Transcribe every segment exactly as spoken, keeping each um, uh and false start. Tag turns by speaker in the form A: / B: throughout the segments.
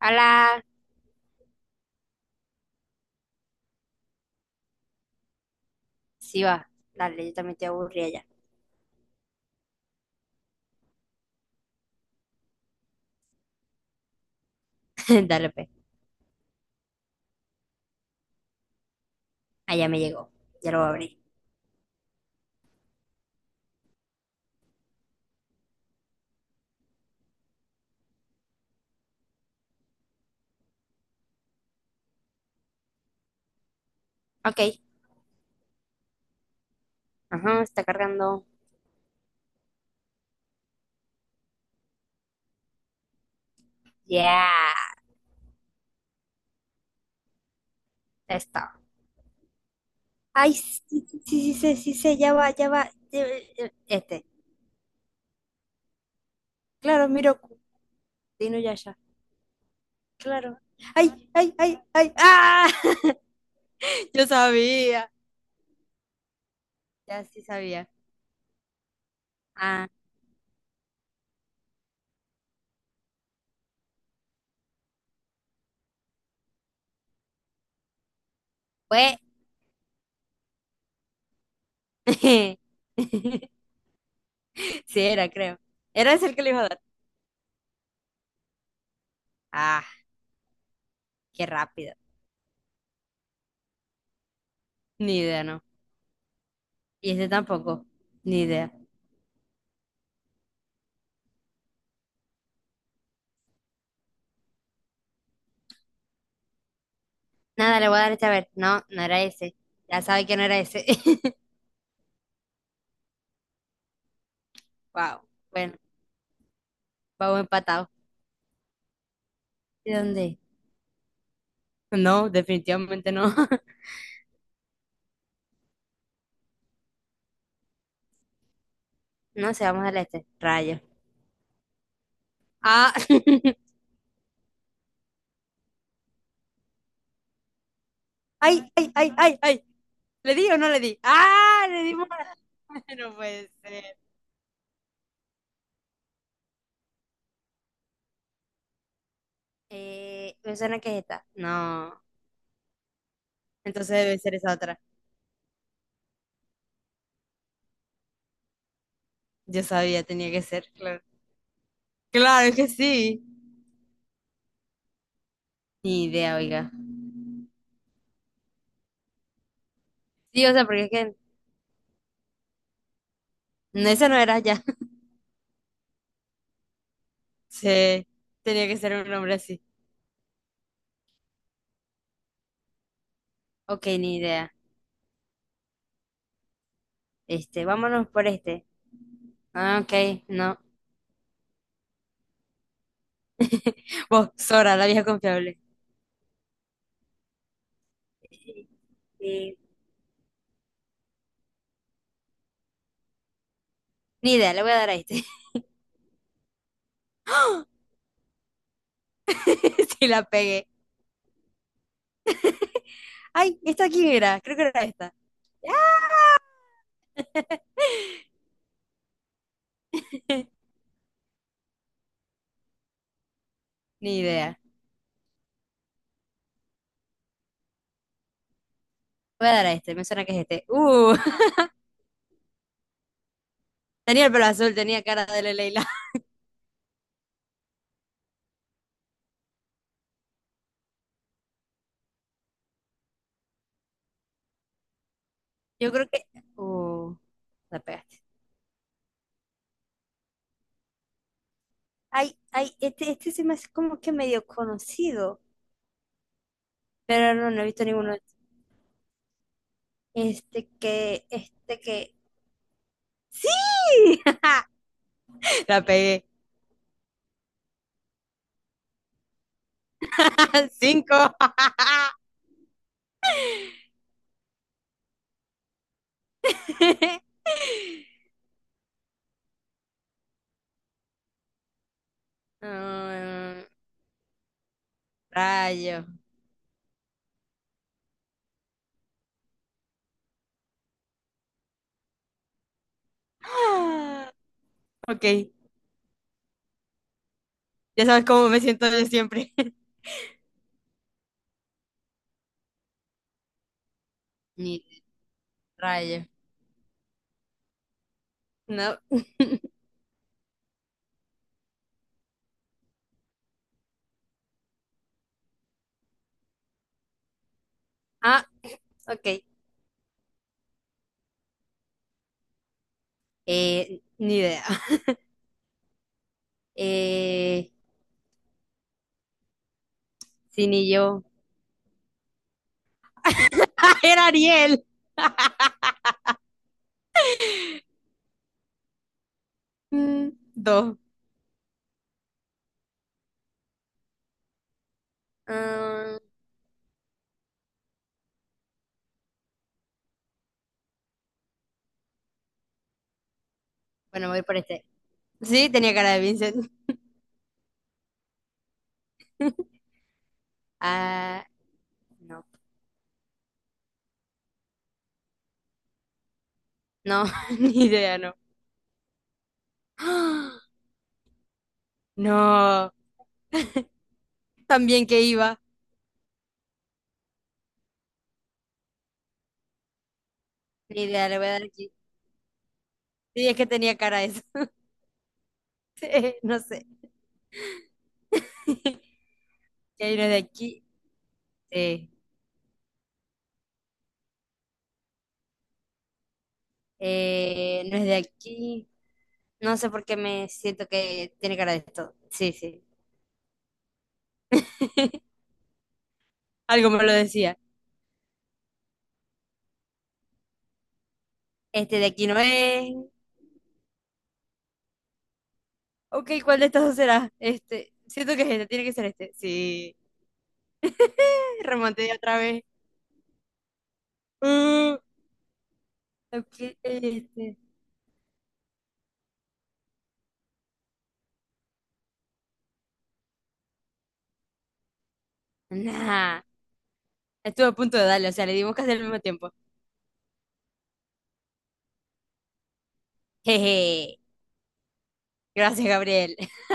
A: Hola, sí va. Dale, yo también te aburrí allá. Dale, pe. Allá me llegó. Ya lo abrí. Ok. Ajá, está cargando. Ya. Está. Ay, sí, sí, sí, sí, sí, sí, sí, ya va, ya va. Eh, eh, eh, Este. Claro, Miroku. Dino Yasha. Claro. Ay, ay, ay, ay. ¡Ah! Yo sabía. Ya sí sabía. Ah, fue. Sí, era, creo. Era ese el que le iba a dar. Ah, qué rápido. Ni idea, ¿no? Y ese tampoco. Ni idea. Nada, le voy a dar este a ver. No, no era ese. Ya sabe que no era ese. Wow. Bueno, vamos empatados. ¿De dónde? No, definitivamente no. No sé, vamos al este. Rayo. Ah. Ay, ay, ay, ay, ay. ¿Le di o no le di? Ah, le dimos. No puede ser. Eh, me suena que es esta. No. Entonces debe ser esa otra. Yo sabía, tenía que ser, claro. Claro que sí. Ni idea, oiga. Sí, o sea, porque es que no, esa no era ya. Sí, tenía que ser un nombre así. Ok, ni idea. Este, vámonos por este. Ah, ok, no. Vos, Sora, la vieja confiable. Eh, ni idea, le voy a dar a este. Sí, la pegué. Ay, ¿esta quién era? Creo que era esta. Ni idea. Voy a dar a este, me suena que es este. Uh, tenía el pelo azul, tenía cara de Leila. Yo creo que. Uh, la pegaste. Ay, ay, este, este se me hace como que medio conocido. Pero no, no he visto ninguno. Este que, este que. ¡Sí! La pegué. Cinco. Ah, Rayo. Ah, ok, ya sabes cómo me siento yo siempre. Ni rayo. No. Ah, ok. Eh, ni idea. Eh, sí, ni yo. ¡Ah, era Ariel! Mm, dos. Ah, bueno, voy por este. Sí, tenía cara de Vincent. Ah, no, no, ni idea, no. ¡Ah! No, también que iba. Ni idea, le voy a dar aquí. Sí, es que tenía cara eso. Sí, no sé. Y ahí no es de aquí. Sí. Eh, no es de aquí. No sé por qué me siento que tiene cara de esto. Sí, sí. Algo me lo decía. Este de aquí no es. Ok, ¿cuál de estos dos será? Este. Siento que es este, tiene que ser este. Sí. Remonté otra vez. Uh, ok, este. Nah. Estuve a punto de darle, o sea, le dimos casi al mismo tiempo. Jeje, gracias, Gabriel.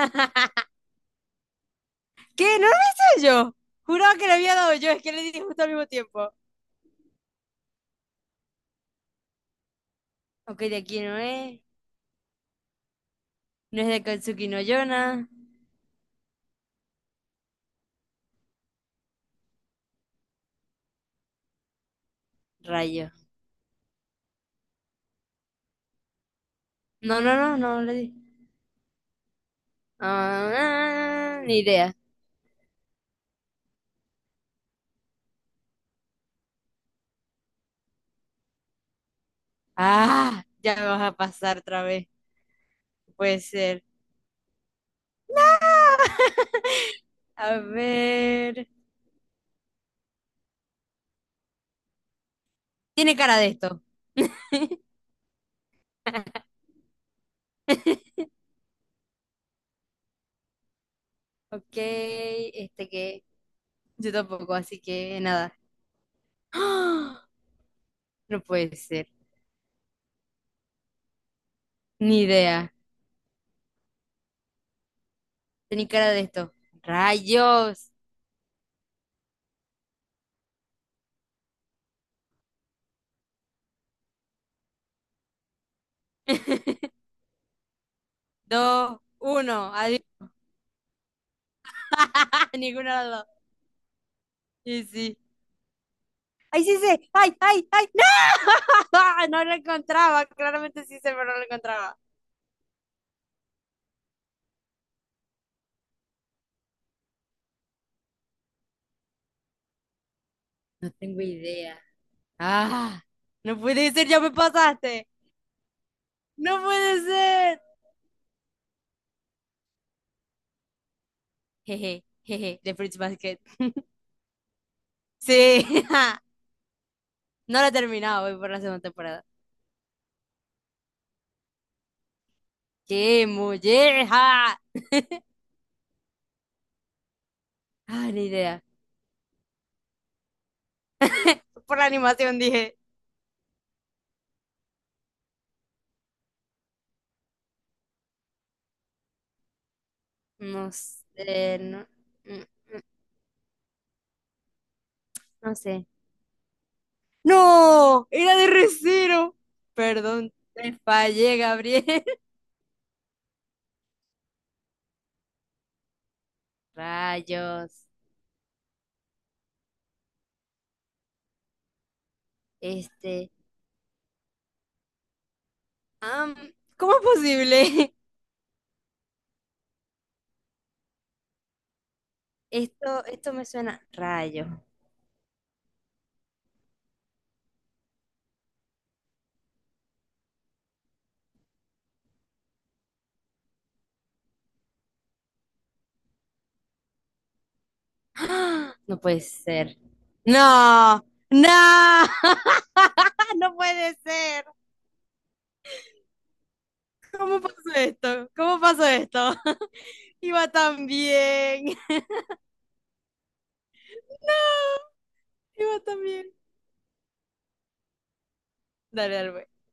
A: ¿Qué? ¿No lo hice yo? Juraba que le había dado yo, es que le di justo al mismo tiempo. Ok, de aquí no es. No es de Katsuki no Yona. Rayo. No, no, no, no le di. Ah, ni idea. Ah, ya me vas a pasar otra vez. No puede ser. A ver. Tiene cara de esto. Ok, este que. Yo tampoco, así que nada. ¡Ah! No puede ser. Ni idea. Tenía cara de esto. Rayos. Dos, uno. Adiós. Ninguno de los dos. Y sí. ¡Ay, sí sé! ¡Ay, ay, ay! ¡No! No lo encontraba. Claramente sí sé, pero no lo encontraba. No tengo idea. ¡Ah! No puede ser, ya me pasaste. No puede ser. Jeje, jeje, de Fruits Basket. Sí. No lo he terminado, voy por la segunda temporada. ¡Qué molleja! Ah, ni idea. Por la animación dije. No sé, no, mm, no sé. No, era de Recero. Perdón, te fallé, Gabriel. Rayos. Este. Am, ¿cómo es posible? esto, esto me suena. Rayos. ¡Ah! No puede ser. No, no, no puede ser. ¿Cómo pasó esto? ¿Cómo pasó esto? Iba tan bien. No, iba tan bien. Dale, dale, pues.